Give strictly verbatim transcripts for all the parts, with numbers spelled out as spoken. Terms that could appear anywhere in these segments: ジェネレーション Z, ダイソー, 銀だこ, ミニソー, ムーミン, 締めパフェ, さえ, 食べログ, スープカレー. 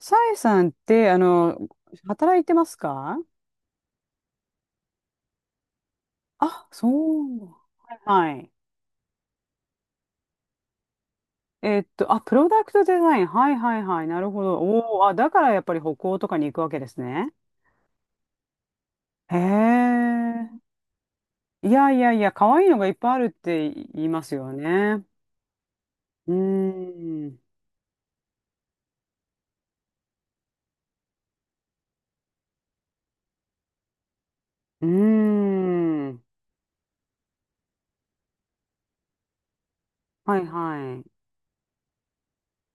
さえさんって、あの、働いてますか？あ、そう。はい。えっと、あ、プロダクトデザイン。はいはいはい。なるほど。おお、あ、だからやっぱり北欧とかに行くわけですね。へえ。いやいやいや、可愛いのがいっぱいあるって言いますよね。うーん。うーん。はいは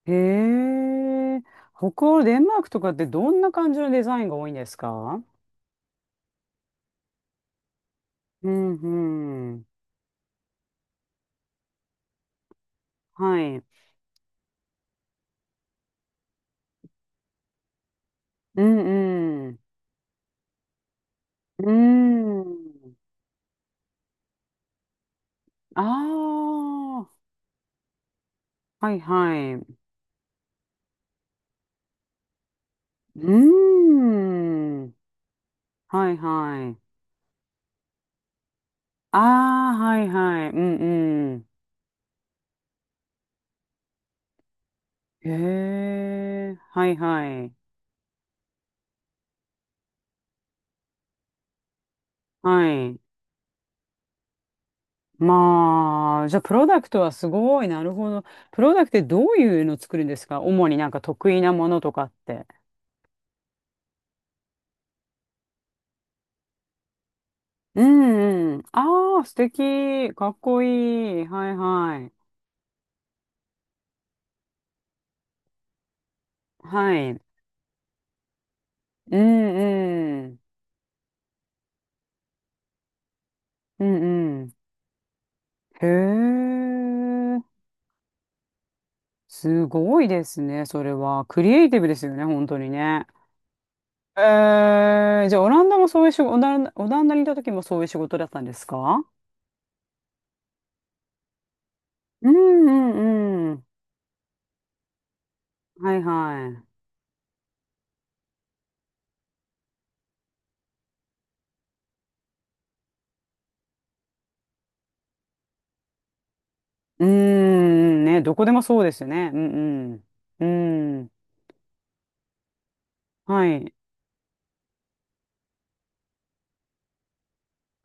い。へえ。北欧、デンマークとかってどんな感じのデザインが多いんですか？うんうん。はい。うんうーん。ああ、はいはい。うーん。はいはい。ああ、はいはい。うんうん。へえ、はいはい。はい。まあ、じゃあ、プロダクトはすごい。なるほど。プロダクトってどういうの作るんですか？主になんか得意なものとかって。うんうん。ああ、素敵。かっこいい。はいはい。はい。うんうん。うんうん。へえ、すごいですね、それは。クリエイティブですよね、本当にね。えー、じゃあ、オランダもそういう仕事、オランダ、オランダにいた時もそういう仕事だったんですか？うんうんうん。はいはい。うんんね、どこでもそうですよね。うんうん。うん。はい。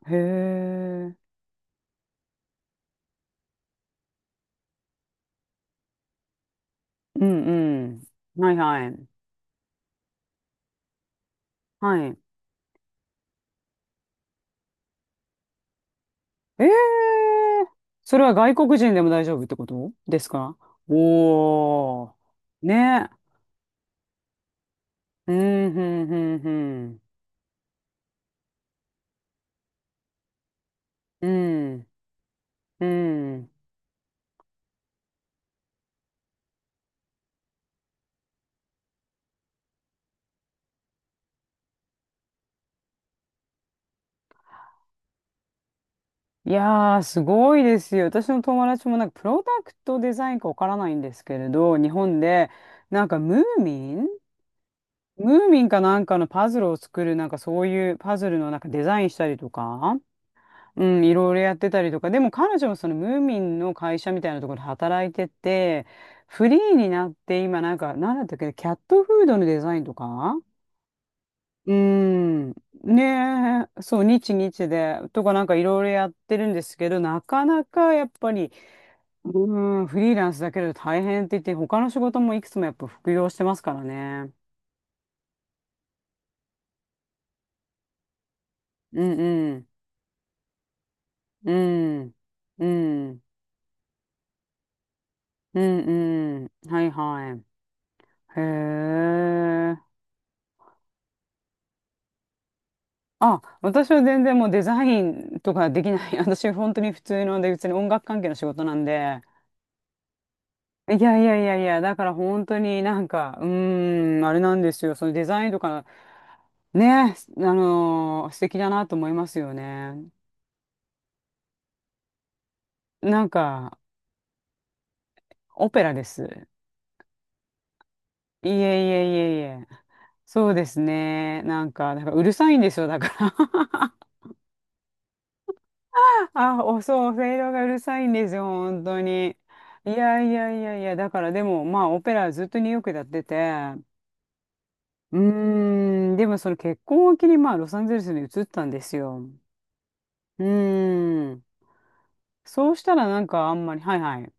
へえ。うんうん。はいはい。はい。ええ、それは外国人でも大丈夫ってことですか？おー。ね。うん、ふん、ふん、ふん。うん、うん。いやー、すごいですよ。私の友達もなんか、プロダクトデザインかわからないんですけれど、日本で、なんか、ムーミンムーミンかなんかのパズルを作る、なんかそういうパズルのなんかデザインしたりとか、うん、いろいろやってたりとか、でも彼女もそのムーミンの会社みたいなところで働いてて、フリーになって今なんか、なんだったっけ、キャットフードのデザインとか。うーん。ねえ、そう、日日で、とかなんかいろいろやってるんですけど、なかなかやっぱり、うーん、フリーランスだけど大変って言って、他の仕事もいくつもやっぱ副業してますからね。うんうん、うん、うん、うん、うん、はいはい。へえ。あ、私は全然もうデザインとかできない。私本当に普通ので、別に音楽関係の仕事なんで、いやいやいやいや、だから本当になんか、うーん、あれなんですよ。そのデザインとか、ね、あのー素敵だなと思いますよね。なんか、オペラです。いえいえいえいえ。そうですね。なんか、なんかうるさいんですよ、だから。あ、お、そう、ローがうるさいんですよ、本当に。いやいやいやいや、だからでも、まあ、オペラずっとニューヨークでやってて、うーん、でもその結婚を機に、まあ、ロサンゼルスに移ったんですよ。うーん。そうしたらなんかあんまり、はいはい。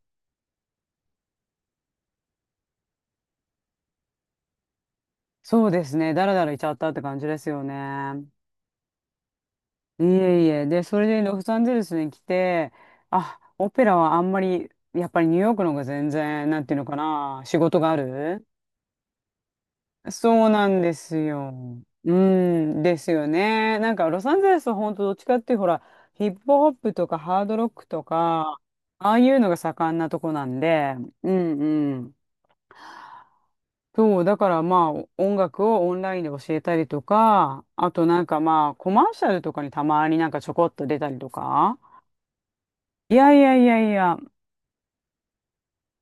そうですね。だらだらいちゃったって感じですよね。いえいえ。で、それでロサンゼルスに来て、あ、オペラはあんまり、やっぱりニューヨークの方が全然、なんていうのかな、仕事がある。そうなんですよ。うん、ですよね。なんかロサンゼルスは本当どっちかっていうとほら、ヒップホップとかハードロックとか、ああいうのが盛んなとこなんで、うんそう、だからまあ音楽をオンラインで教えたりとか、あとなんかまあコマーシャルとかにたまになんかちょこっと出たりとか。いやいやいやいや、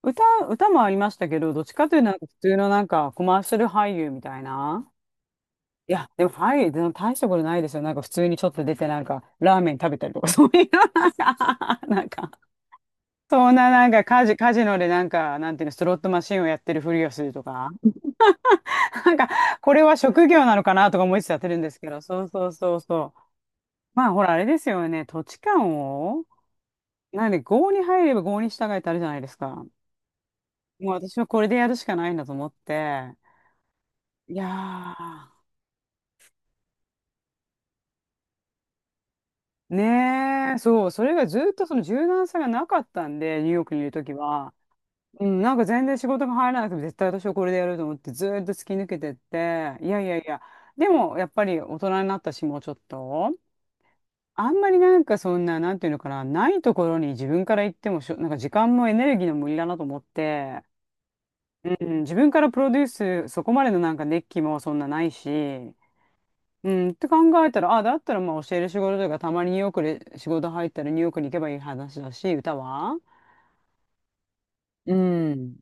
歌、歌もありましたけど、どっちかというとなんか普通のなんかコマーシャル俳優みたいな。いや、でも俳優でも大したことないですよ。なんか普通にちょっと出てなんかラーメン食べたりとか、そういうのなんか、なんかそんななんかカジ、カジノでなんか、なんていうの、スロットマシンをやってるふりをするとか。なんか、これは職業なのかなとか思いつつやってるんですけど、そうそうそうそう。まあ、ほら、あれですよね。土地勘を、なんで、郷に入れば郷に従えってあるじゃないですか。もう私はこれでやるしかないんだと思って。いやー、ねえ、そう、それがずっとその柔軟さがなかったんで、ニューヨークにいるときは。うん、なんか全然仕事が入らなくても絶対私はこれでやると思ってずーっと突き抜けてって、いやいやいや、でもやっぱり大人になったし、もうちょっと。あんまりなんかそんな、なんていうのかな、ないところに自分から行ってもしょ、なんか時間もエネルギーの無理だなと思って、うん、自分からプロデュース、そこまでのなんか熱気もそんなないし、うん、って考えたら、あ、だったらまあ教える仕事とか、たまにニューヨークで仕事入ったらニューヨークに行けばいい話だし、歌は。うん。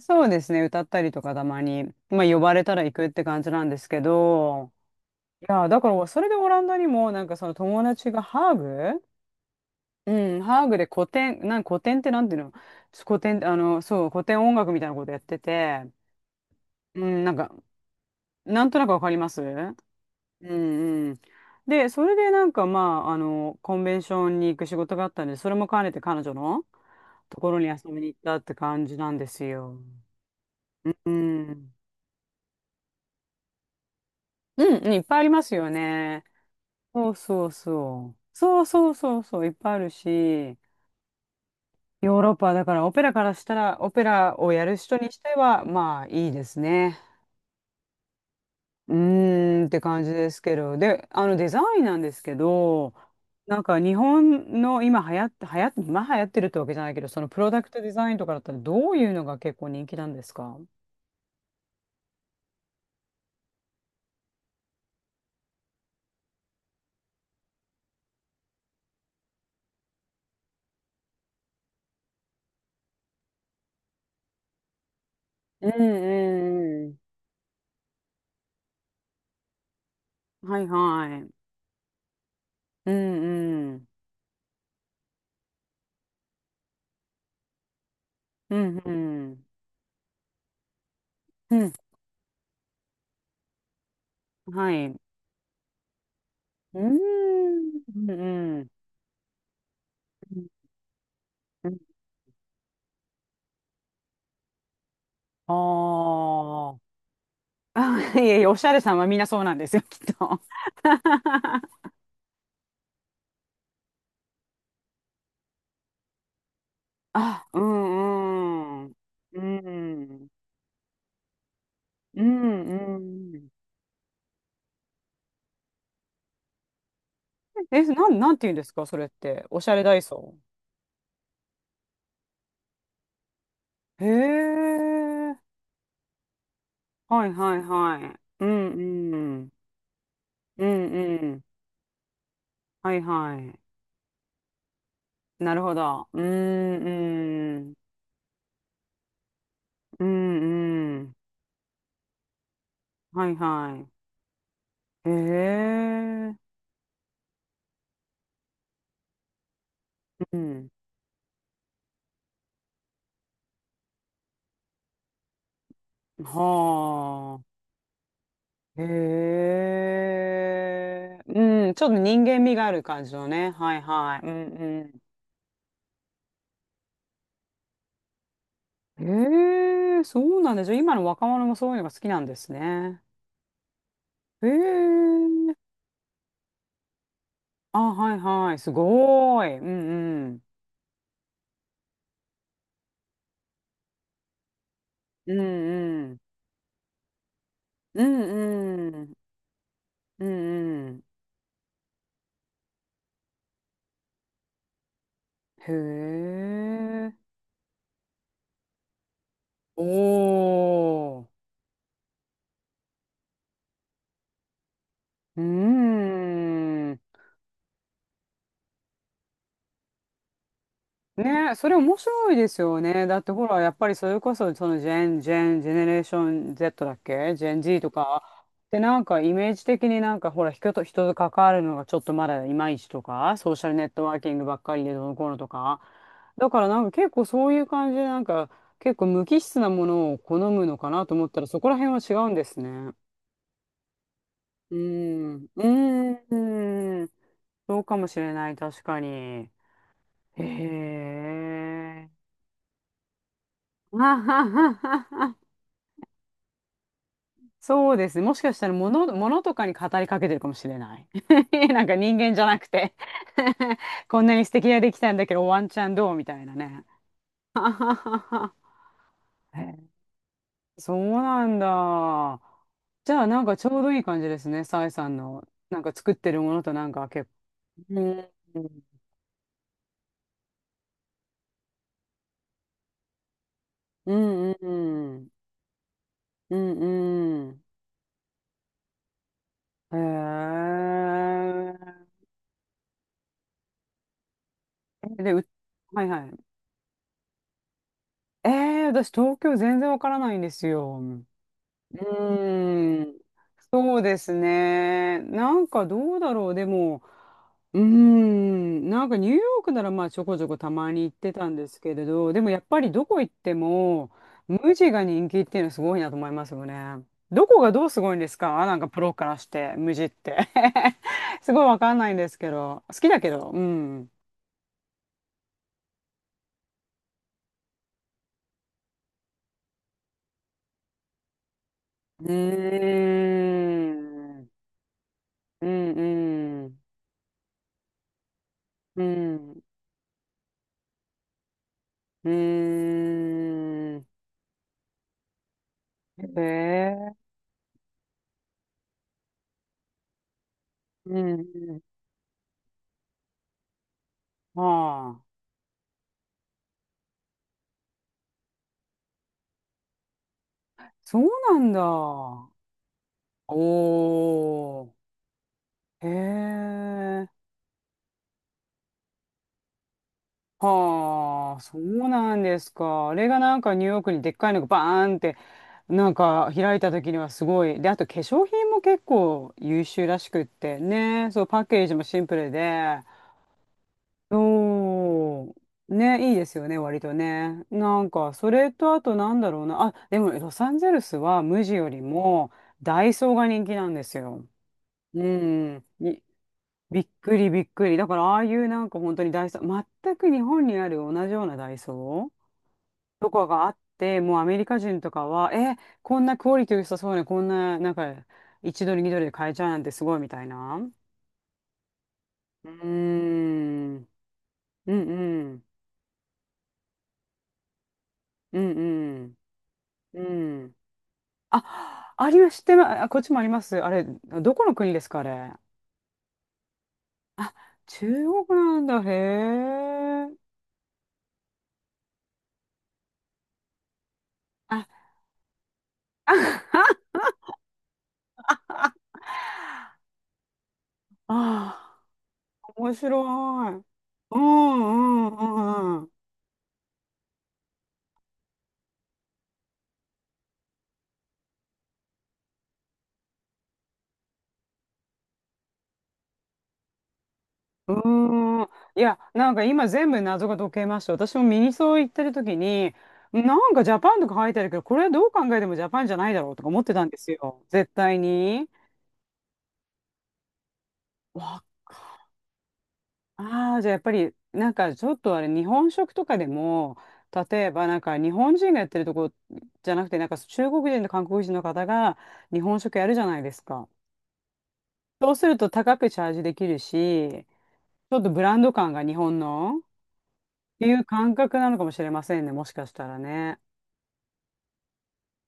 そうですね、歌ったりとかたまに、まあ呼ばれたら行くって感じなんですけど、いや、だからそれでオランダにもなんかその友達がハーブうん、ハーグで古典、なん古典ってなんていうの、古典、あの、そう、古典音楽みたいなことやってて、うん、なんか、なんとなくわかりますうんうん。で、それでなんかまあ、あの、コンベンションに行く仕事があったんで、それも兼ねて彼女のところに遊びに行ったって感じなんですよ。うん。うん、うんいっぱいありますよね。そうそうそう。そうそうそうそう、いっぱいあるし、ヨーロッパだからオペラからしたら、オペラをやる人にしては、まあいいですね。うーんって感じですけど、で、あのデザインなんですけど、なんか日本の今流行って、流行って、今流行ってるってわけじゃないけど、そのプロダクトデザインとかだったらどういうのが結構人気なんですか？うんうんうん。はいはい。うんうん。うんうん。うん。はい。うーん。うんうん。うんあーあ。いえいえ、おしゃれさんはみんなそうなんですよ、きっと。あ、うんうん。うん。うんうん。え、なん、なんて言うんですか、それって。おしゃれダイソー。へえ。はいはいはい。うんうん。うんうん。はいはい。なるほど。うんうん。うんうん。はいはい。へえ。うん。はあ。へえ。うん。ちょっと人間味がある感じのね。はいはい。うんうん。ええそうなんだ。すゃ今の若者もそういうのが好きなんですね。ええあ、はいはい。すごーい。うんうん。うんうん。うんうん。うんうん。へえ。おー。うーん。ねえ、それ面白いですよね。だってほら、やっぱりそれこそ、そのジェン、ジェン、ジェネレーション Z だっけジェン ゼット とか。で、なんかイメージ的になんかほら、人と人と関わるのがちょっとまだいまいちとか、ソーシャルネットワーキングばっかりでどうのこうのとか。だからなんか結構そういう感じで、なんか結構無機質なものを好むのかなと思ったら、そこら辺は違うんですね。うん。うん。そうかもしれない、確かに。へえ。あははははそうですね。もしかしたら物、物とかに語りかけてるかもしれない。なんか人間じゃなくて こんなに素敵ができたんだけど、ワンチャンどうみたいなね。ははははへえそうなんだ。じゃあ、なんかちょうどいい感じですね。サイさんの、なんか作ってるものとなんか結構。うん、うん、うん、うん、うん。うんうんへえ。で、う、はいはい。ええ、私東京全然わからないんですよ。うーん。そうですね。なんかどうだろう。でも、うーん。なんかニューヨークならまあちょこちょこたまに行ってたんですけれど、でもやっぱりどこ行っても、無地が人気っていうのはすごいなと思いますよね。どこがどうすごいんですか、なんかプロからして、無地って。すごいわかんないんですけど。好きだけど。うん。うーん。うんうん。うん。うーん。へえ。うん。うんああ。そうなんだ。おー。へえ。はあ。そうなんですか。あれが、なんかニューヨークにでっかいのがバーンって、なんか開いた時にはすごい。で、あと化粧品も結構優秀らしくってね。そう、パッケージもシンプルで。おー。ね、いいですよね、割とね。なんか、それとあとなんだろうな。あ、でも、ロサンゼルスは無地よりもダイソーが人気なんですよ。うん。にびっくりびっくり。だから、ああいう、なんか本当にダイソー、全く日本にある同じようなダイソーとかがあって、もうアメリカ人とかは、え、こんなクオリティ良さそうね、こんな、なんか、いちドル、にドルで買えちゃうなんてすごいみたいな。うーん。うんうん。うんうん。うん。あ、ありま、知ってま、あ、こっちもあります。あれ、どこの国ですか、あれ。あ、中国なんだ、へえ。あ、あ、あー、面白い。うんうんうんうん。うーん。いや、なんか今全部謎が解けました。私もミニソー行ってる時に、なんかジャパンとか入ってあるけど、これはどう考えてもジャパンじゃないだろうとか思ってたんですよ。絶対に。わああ、じゃあやっぱり、なんかちょっとあれ、日本食とかでも、例えばなんか日本人がやってるとこじゃなくて、なんか中国人と韓国人の方が日本食やるじゃないですか。そうすると高くチャージできるし、ちょっとブランド感が日本のっていう感覚なのかもしれませんね、もしかしたらね。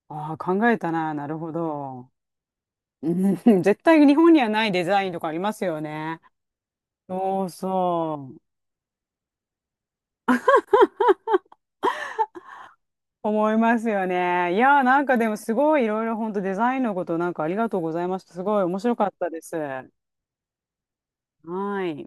ああ、考えたな、なるほど。うん 絶対日本にはないデザインとかありますよね。そうそう。思いますよね。いやー、なんかでもすごいいろいろ本当デザインのことなんかありがとうございました。すごい面白かったです。はい。